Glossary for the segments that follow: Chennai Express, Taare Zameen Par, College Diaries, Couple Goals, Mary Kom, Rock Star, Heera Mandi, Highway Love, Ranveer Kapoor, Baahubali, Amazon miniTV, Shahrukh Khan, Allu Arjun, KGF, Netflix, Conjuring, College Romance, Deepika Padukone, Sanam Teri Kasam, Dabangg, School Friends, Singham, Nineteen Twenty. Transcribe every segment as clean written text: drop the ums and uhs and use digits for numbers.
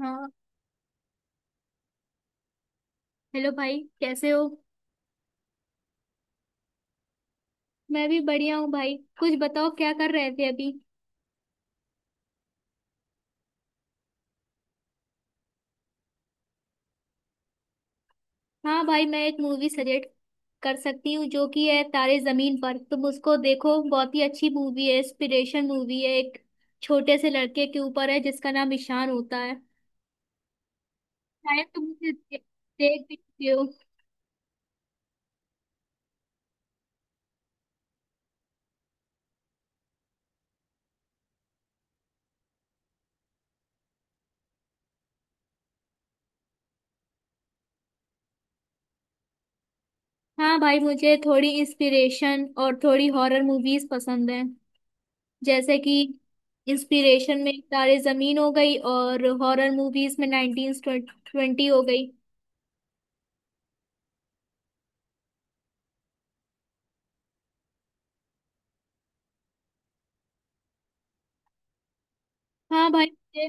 हाँ। हेलो भाई, कैसे हो? मैं भी बढ़िया हूँ भाई। कुछ बताओ, क्या कर रहे थे अभी? हाँ भाई, मैं एक मूवी सजेस्ट कर सकती हूँ जो कि है तारे जमीन पर। तुम उसको देखो, बहुत ही अच्छी मूवी है। इंस्पिरेशन मूवी है, एक छोटे से लड़के के ऊपर है जिसका नाम ईशान होता है। शायद तुम उसे देख भी चुके हो। हाँ भाई, मुझे थोड़ी इंस्पिरेशन और थोड़ी हॉरर मूवीज पसंद है। जैसे कि इंस्पिरेशन में तारे जमीन हो गई, और हॉरर मूवीज में 1920 हो गई। हाँ भाई, मुझे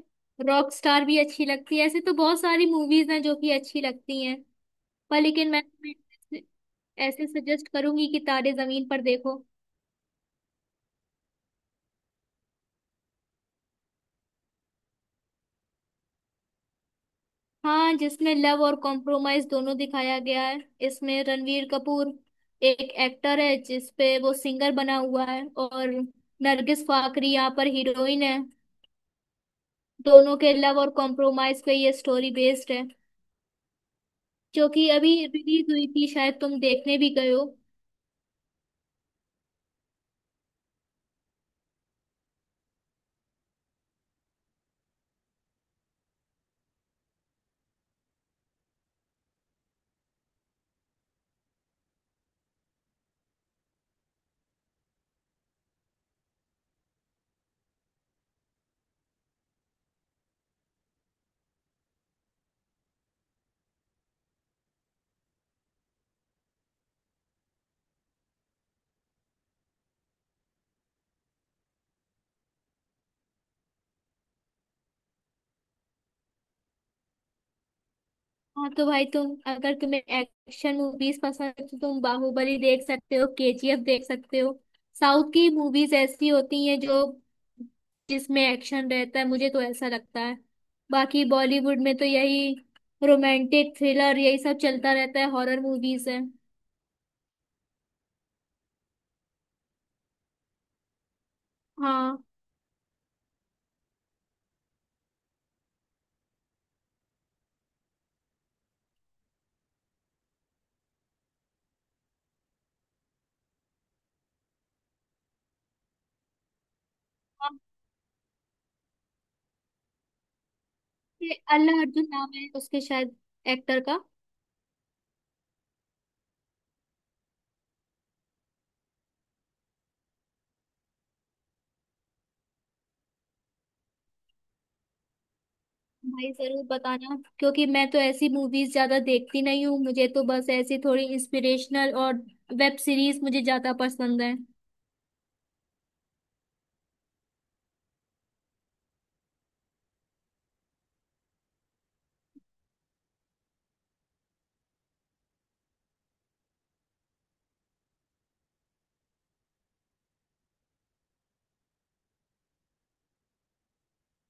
रॉक स्टार भी अच्छी लगती है। ऐसे तो बहुत सारी मूवीज हैं जो कि अच्छी लगती हैं, पर लेकिन मैं तुम्हें ऐसे सजेस्ट करूंगी कि तारे जमीन पर देखो। हाँ, जिसमें लव और कॉम्प्रोमाइज दोनों दिखाया गया है। इसमें रणवीर कपूर एक एक्टर है जिसपे वो सिंगर बना हुआ है, और नरगिस फाकरी यहाँ पर हीरोइन है। दोनों के लव और कॉम्प्रोमाइज पे ये स्टोरी बेस्ड है, जो कि अभी रिलीज हुई थी। शायद तुम देखने भी गए हो। हाँ तो भाई, तुम अगर तुम्हें एक्शन मूवीज पसंद है तो तुम बाहुबली देख सकते हो, केजीएफ देख सकते हो। साउथ की मूवीज ऐसी होती हैं जो जिसमें एक्शन रहता है, मुझे तो ऐसा लगता है। बाकी बॉलीवुड में तो यही रोमांटिक थ्रिलर, यही सब चलता रहता है, हॉरर मूवीज है। हाँ, और ये अल्ला अर्जुन नाम है उसके शायद, एक्टर का। भाई जरूर बताना, क्योंकि मैं तो ऐसी मूवीज ज्यादा देखती नहीं हूँ। मुझे तो बस ऐसी थोड़ी इंस्पिरेशनल, और वेब सीरीज मुझे ज्यादा पसंद है।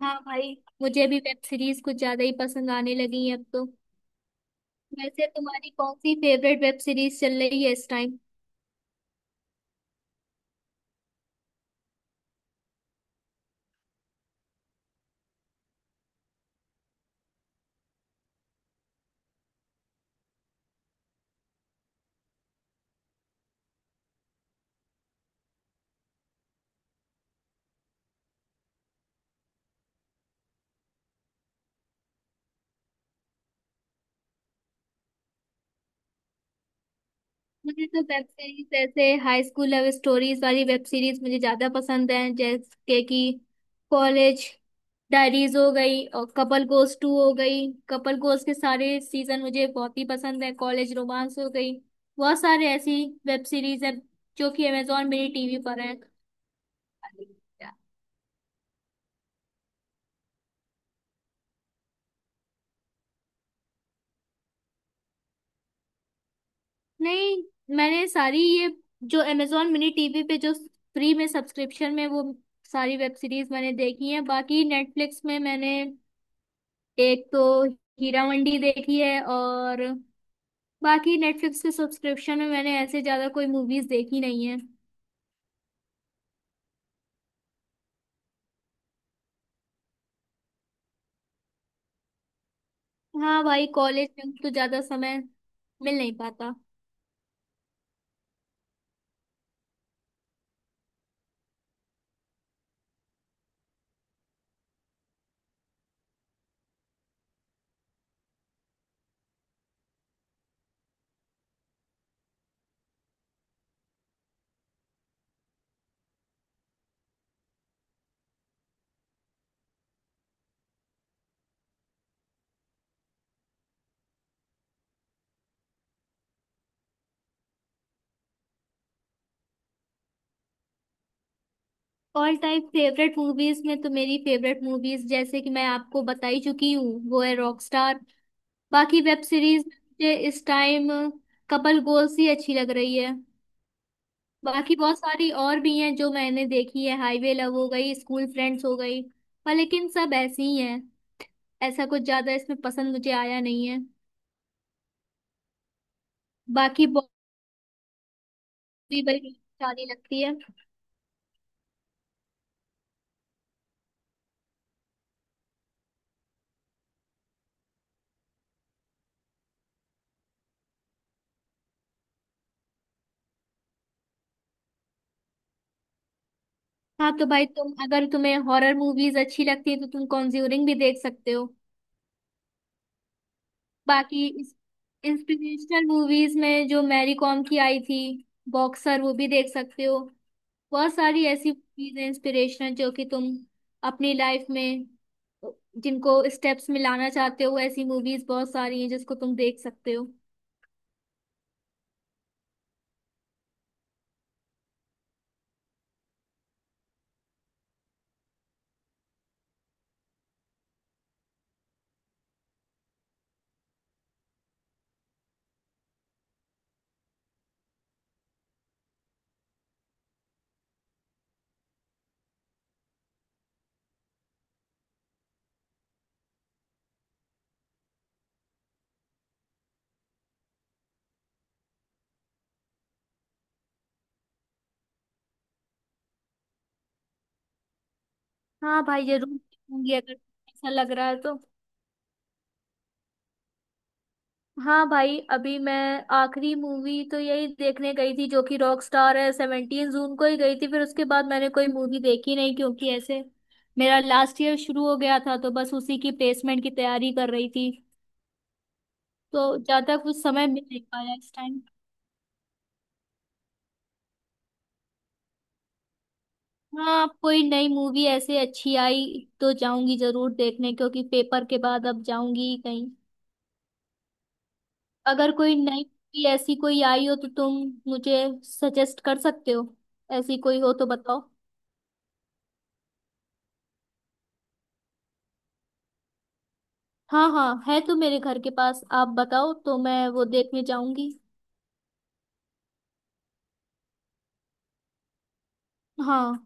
हाँ भाई, मुझे भी वेब सीरीज कुछ ज्यादा ही पसंद आने लगी है अब तो। वैसे तुम्हारी कौन सी फेवरेट वेब सीरीज चल रही है इस टाइम? मुझे तो वेब सीरीज जैसे हाई स्कूल लव स्टोरीज वाली वेब सीरीज मुझे ज्यादा पसंद है। जैसे कि कॉलेज डायरीज हो गई, और कपल गोस टू हो गई। कपल गोस के सारे सीजन मुझे बहुत ही पसंद है। कॉलेज रोमांस हो गई, बहुत सारे ऐसी वेब सीरीज है जो कि अमेजोन मिनी टीवी पर है। नहीं, मैंने सारी ये जो अमेजोन मिनी टीवी पे जो फ्री में सब्सक्रिप्शन में, वो सारी वेब सीरीज मैंने देखी है। बाकी नेटफ्लिक्स में मैंने एक तो हीरा मंडी देखी है, और बाकी नेटफ्लिक्स के सब्सक्रिप्शन में मैंने ऐसे ज्यादा कोई मूवीज देखी नहीं है। हाँ भाई, कॉलेज में तो ज्यादा समय मिल नहीं पाता। ऑल टाइम फेवरेट मूवीज में तो मेरी फेवरेट मूवीज, जैसे कि मैं आपको बता ही चुकी हूँ, वो है रॉकस्टार। बाकी वेब सीरीज मुझे इस टाइम कपल गोल्स ही अच्छी लग रही है। बाकी बहुत सारी और भी हैं जो मैंने देखी है, हाईवे लव हो गई, स्कूल फ्रेंड्स हो गई, पर लेकिन सब ऐसी ही हैं। ऐसा कुछ ज्यादा इसमें पसंद मुझे आया नहीं है। बाकी बॉबी बड़ी सारी लगती है। हाँ तो भाई, तुम अगर तुम्हें हॉरर मूवीज अच्छी लगती है तो तुम कॉन्ज्यूरिंग भी देख सकते हो। बाकी इस इंस्पिरेशनल मूवीज में जो मैरी कॉम की आई थी, बॉक्सर, वो भी देख सकते हो। बहुत सारी ऐसी मूवीज हैं इंस्पिरेशनल, जो कि तुम अपनी लाइफ में जिनको स्टेप्स में लाना चाहते हो, ऐसी मूवीज बहुत सारी हैं जिसको तुम देख सकते हो। हाँ भाई, जरूर देखूंगी अगर ऐसा लग रहा है तो। हाँ भाई, अभी मैं आखिरी मूवी तो यही देखने गई थी जो कि रॉक स्टार है, 17 जून को ही गई थी। फिर उसके बाद मैंने कोई मूवी देखी नहीं, क्योंकि ऐसे मेरा लास्ट ईयर शुरू हो गया था, तो बस उसी की प्लेसमेंट की तैयारी कर रही थी। तो ज्यादा कुछ समय मिल नहीं पाया इस टाइम। हाँ, अब कोई नई मूवी ऐसे अच्छी आई तो जाऊंगी जरूर देखने, क्योंकि पेपर के बाद अब जाऊंगी कहीं। अगर कोई नई मूवी ऐसी कोई आई हो तो तुम मुझे सजेस्ट कर सकते हो। ऐसी कोई हो तो बताओ। हाँ हाँ, है तो मेरे घर के पास, आप बताओ तो मैं वो देखने जाऊंगी। हाँ।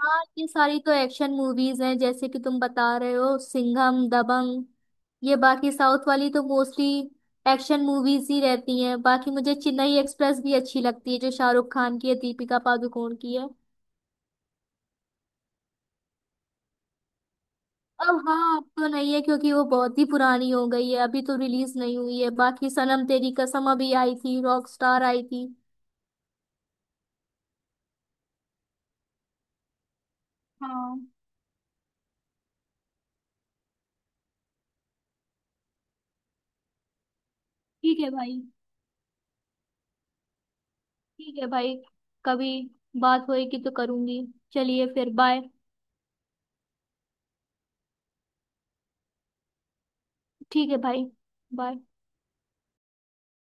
हाँ, ये सारी तो एक्शन मूवीज हैं जैसे कि तुम बता रहे हो, सिंघम, दबंग, ये। बाकी साउथ वाली तो मोस्टली एक्शन मूवीज ही रहती हैं। बाकी मुझे चेन्नई एक्सप्रेस भी अच्छी लगती है, जो शाहरुख खान की है, दीपिका पादुकोण की है। अब हाँ, अब तो नहीं है क्योंकि वो बहुत ही पुरानी हो गई है, अभी तो रिलीज नहीं हुई है। बाकी सनम तेरी कसम अभी आई थी, रॉक स्टार आई थी। हाँ। ठीक है भाई। ठीक है भाई, कभी बात होएगी तो करूंगी। चलिए फिर, बाय। ठीक है भाई, बाय।